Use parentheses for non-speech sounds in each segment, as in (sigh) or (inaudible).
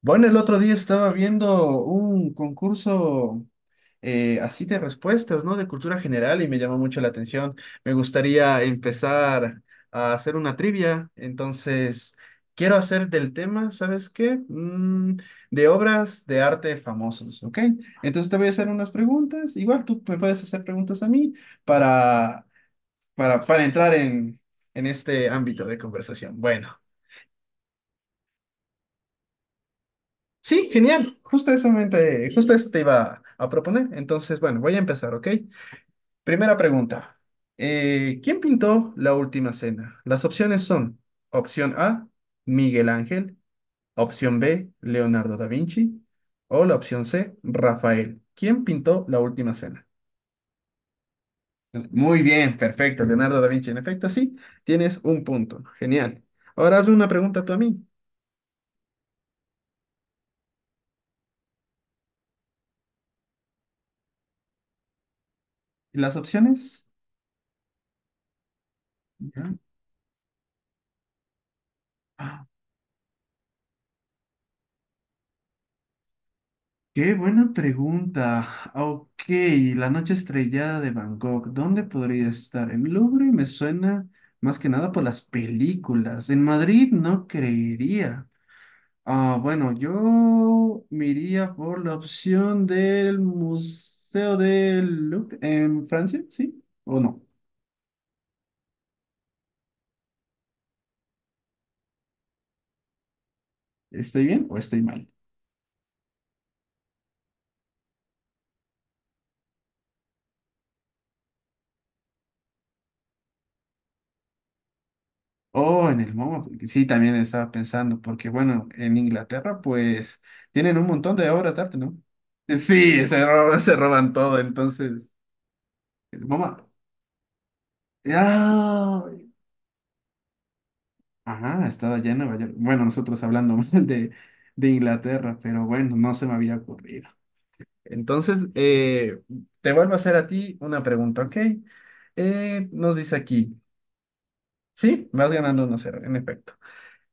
Bueno, el otro día estaba viendo un concurso así de respuestas, ¿no? De cultura general y me llamó mucho la atención. Me gustaría empezar a hacer una trivia, entonces quiero hacer del tema, ¿sabes qué? De obras de arte famosos, ¿ok? Entonces te voy a hacer unas preguntas. Igual tú me puedes hacer preguntas a mí para, para entrar en este ámbito de conversación. Bueno. Sí, genial. Justo eso, justo eso te iba a proponer. Entonces, bueno, voy a empezar, ¿ok? Primera pregunta. ¿quién pintó la última cena? Las opciones son opción A, Miguel Ángel, opción B, Leonardo da Vinci o la opción C, Rafael. ¿Quién pintó la última cena? Muy bien, perfecto, Leonardo da Vinci. En efecto, sí, tienes un punto. Genial. Ahora hazme una pregunta tú a mí. ¿Y las opciones? Ya. Qué buena pregunta. Ah, ok, la noche estrellada de Bangkok, ¿dónde podría estar? El Louvre me suena más que nada por las películas. En Madrid no creería. Ah, bueno, yo me iría por la opción del Museo del Louvre en Francia, ¿sí? ¿O no? ¿Estoy bien o estoy mal? Oh, en el MoMA, porque sí, también estaba pensando, porque bueno, en Inglaterra pues tienen un montón de obras de arte, ¿no? Sí, se roban, (laughs) se roban todo, entonces, el MoMA. ¡Ah! Ajá, estaba allá en Nueva York. Bueno, nosotros hablando (laughs) mal de Inglaterra, pero bueno, no se me había ocurrido. Entonces, te vuelvo a hacer a ti una pregunta, ¿ok? Nos dice aquí, sí, vas ganando 1 cero en efecto.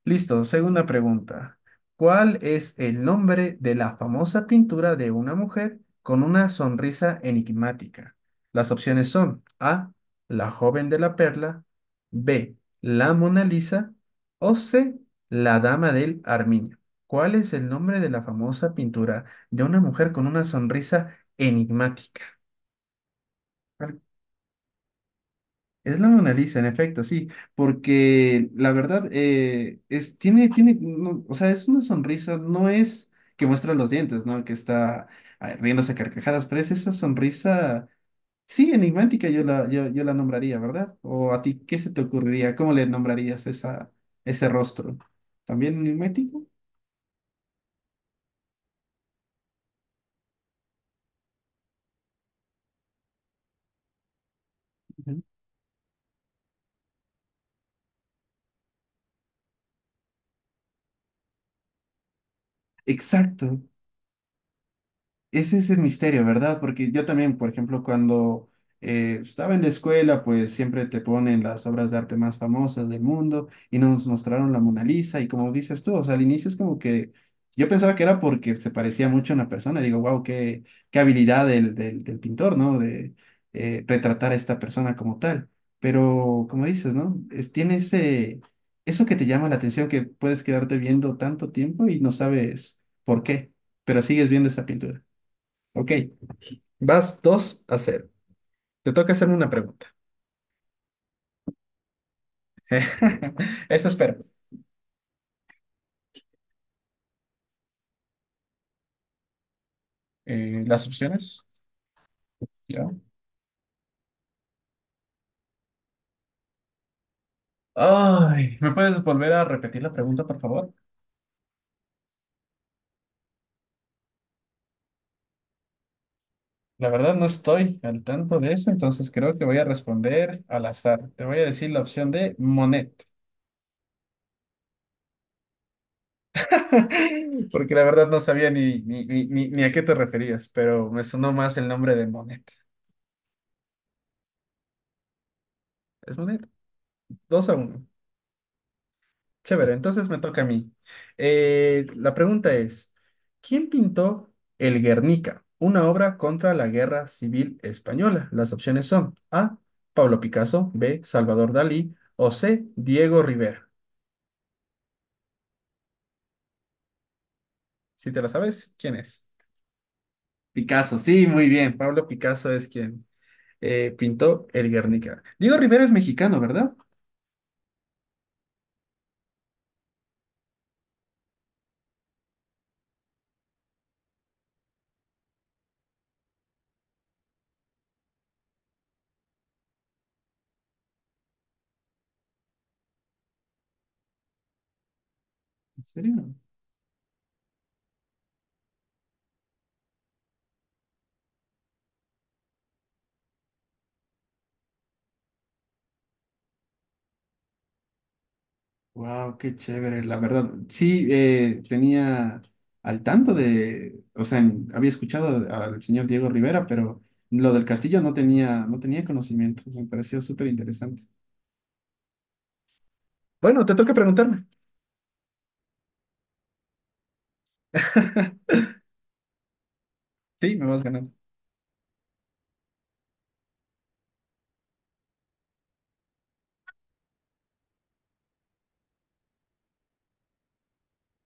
Listo, segunda pregunta. ¿Cuál es el nombre de la famosa pintura de una mujer con una sonrisa enigmática? Las opciones son A, la joven de la perla, B, la Mona Lisa o C, la dama del Armiño. ¿Cuál es el nombre de la famosa pintura de una mujer con una sonrisa enigmática? Es la Mona Lisa, en efecto, sí, porque la verdad es, tiene, no, o sea, es una sonrisa, no es que muestra los dientes, ¿no? Que está ah, riéndose a carcajadas, pero es esa sonrisa, sí, enigmática, yo la nombraría, ¿verdad? O a ti, ¿qué se te ocurriría? ¿Cómo le nombrarías esa, ese rostro? ¿También enigmático? Ujú. Exacto. Ese es el misterio, ¿verdad? Porque yo también, por ejemplo, cuando estaba en la escuela, pues siempre te ponen las obras de arte más famosas del mundo y nos mostraron la Mona Lisa y como dices tú, o sea, al inicio es como que yo pensaba que era porque se parecía mucho a una persona, digo, wow, qué, qué habilidad del pintor, ¿no? De retratar a esta persona como tal. Pero como dices, ¿no? Es, tiene ese, eso que te llama la atención, que puedes quedarte viendo tanto tiempo y no sabes por qué, pero sigues viendo esa pintura. Ok, vas 2 a cero. Te toca hacerme una pregunta. (laughs) Eso espero. Las opciones, ya. Ay, ¿me puedes volver a repetir la pregunta, por favor? La verdad no estoy al tanto de eso, entonces creo que voy a responder al azar. Te voy a decir la opción de Monet, (laughs) porque la verdad no sabía ni a qué te referías, pero me sonó más el nombre de Monet. ¿Es Monet? 2 a uno. Chévere, entonces me toca a mí. La pregunta es, ¿quién pintó El Guernica, una obra contra la Guerra Civil Española? Las opciones son A, Pablo Picasso, B, Salvador Dalí o C, Diego Rivera. Si te la sabes, ¿quién es? Picasso, sí, muy bien. Pablo Picasso es quien pintó El Guernica. Diego Rivera es mexicano, ¿verdad? ¿En serio? Wow, qué chévere, la verdad. Sí, tenía al tanto de, o sea, había escuchado al señor Diego Rivera, pero lo del castillo no tenía, no tenía conocimiento. Me pareció súper interesante. Bueno, te toca preguntarme. (laughs) Sí, me vas ganando.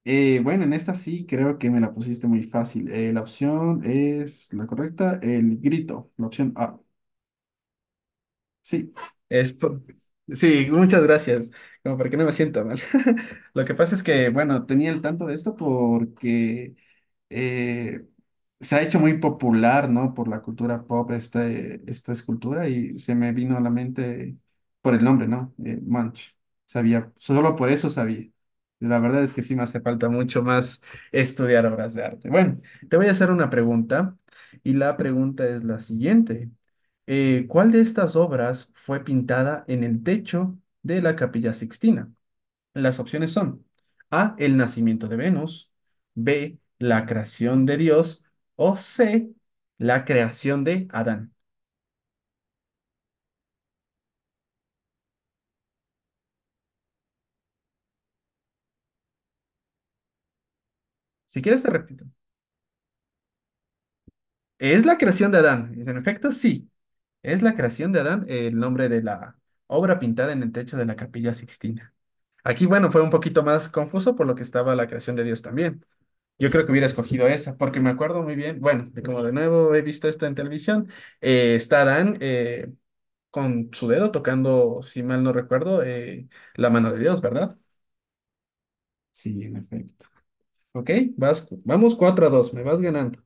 Bueno, en esta sí creo que me la pusiste muy fácil. La opción es la correcta, el grito, la opción A. Sí, es por, sí, muchas gracias. Como para que no me sienta mal. (laughs) Lo que pasa es que, bueno, tenía el tanto de esto porque eh, se ha hecho muy popular, ¿no? Por la cultura pop esta escultura y se me vino a la mente por el nombre, ¿no? Munch. Sabía, solo por eso sabía. La verdad es que sí me hace falta mucho más estudiar obras de arte. Bueno, te voy a hacer una pregunta y la pregunta es la siguiente. ¿cuál de estas obras fue pintada en el techo de la Capilla Sixtina? Las opciones son A, el nacimiento de Venus, B, la creación de Dios o C, la creación de Adán. Si quieres te repito. Es la creación de Adán. En efecto, sí. Es la creación de Adán el nombre de la obra pintada en el techo de la Capilla Sixtina. Aquí, bueno, fue un poquito más confuso por lo que estaba la creación de Dios también. Yo creo que hubiera escogido esa, porque me acuerdo muy bien, bueno, de como de nuevo he visto esto en televisión, está Adán, con su dedo tocando, si mal no recuerdo, la mano de Dios, ¿verdad? Sí, en efecto. Ok, vamos 4 a 2, me vas ganando.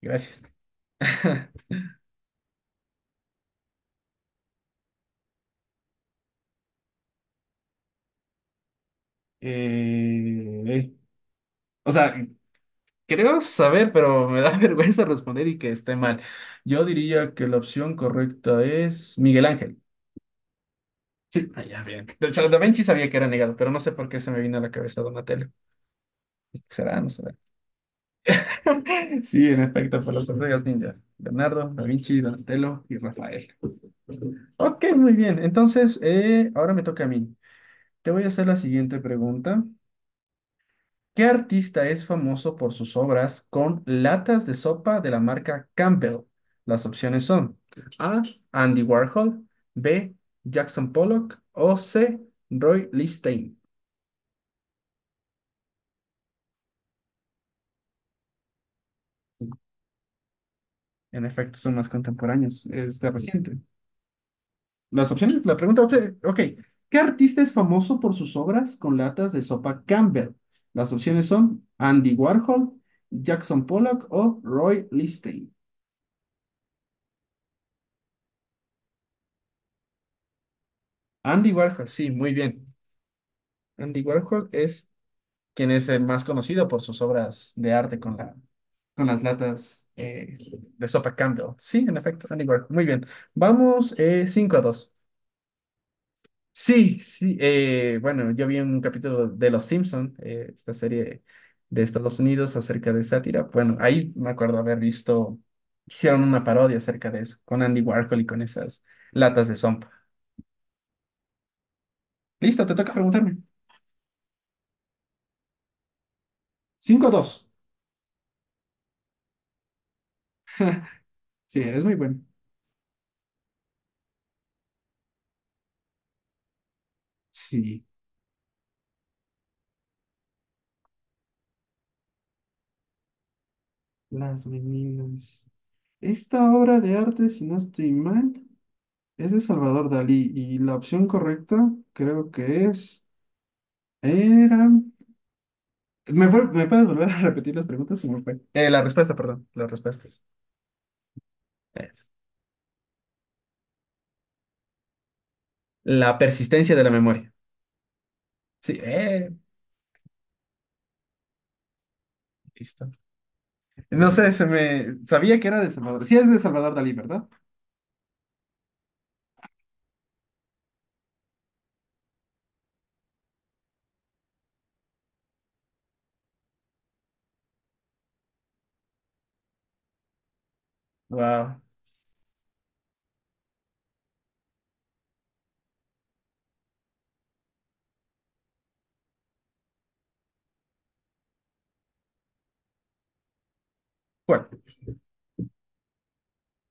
Gracias. (laughs) Eh, o sea, creo saber, pero me da (laughs) vergüenza responder y que esté mal. Yo diría que la opción correcta es Miguel Ángel. Sí. Ah, ya, bien. De hecho, Da Vinci sabía que era negado, pero no sé por qué se me vino a la cabeza Donatello. ¿Será? No será. (laughs) Sí, en efecto, por las tortugas ninja. Leonardo, Da Vinci, Donatello y Rafael. Ok, muy bien. Entonces, ahora me toca a mí. Te voy a hacer la siguiente pregunta. ¿Qué artista es famoso por sus obras con latas de sopa de la marca Campbell? Las opciones son A. Andy Warhol, B. Jackson Pollock o C. Roy Lichtenstein. En efecto, son más contemporáneos, es de reciente. Las opciones, la pregunta, ok. ¿Qué artista es famoso por sus obras con latas de sopa Campbell? Las opciones son Andy Warhol, Jackson Pollock o Roy Lichtenstein. Andy Warhol, sí, muy bien. Andy Warhol es quien es el más conocido por sus obras de arte con las latas de sopa Campbell. Sí, en efecto, Andy Warhol. Muy bien. Vamos 5 a dos. Sí, sí, bueno, yo vi un capítulo de Los Simpson, esta serie de Estados Unidos acerca de sátira. Bueno, ahí me acuerdo haber visto, hicieron una parodia acerca de eso, con Andy Warhol y con esas latas de sopa. Listo, te toca preguntarme. Cinco dos. Sí, eres muy bueno. Sí, Las Meninas. Esta obra de arte, si no estoy mal, es de Salvador Dalí y la opción correcta creo que es... Era... ¿Me, me puedes volver a repetir las preguntas? Se me fue. La respuesta, perdón. Las respuestas. Es la persistencia de la memoria. Sí, listo. No sé, se me... Sabía que era de Salvador. Sí, es de Salvador Dalí, ¿verdad? Wow. ¿Cuál?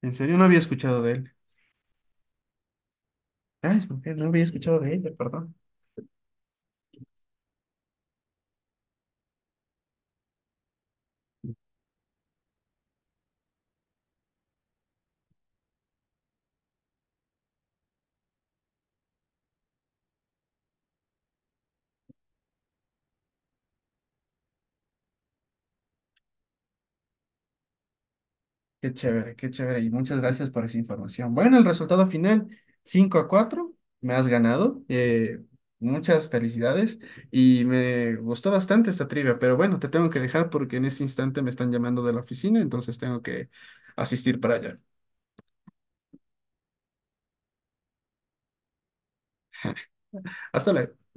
En serio, no había escuchado de él. Ah, es mujer, no había escuchado de ella, perdón. Qué chévere, qué chévere. Y muchas gracias por esa información. Bueno, el resultado final, 5 a 4, me has ganado. Muchas felicidades. Y me gustó bastante esta trivia, pero bueno, te tengo que dejar porque en este instante me están llamando de la oficina, entonces tengo que asistir para allá. Hasta luego.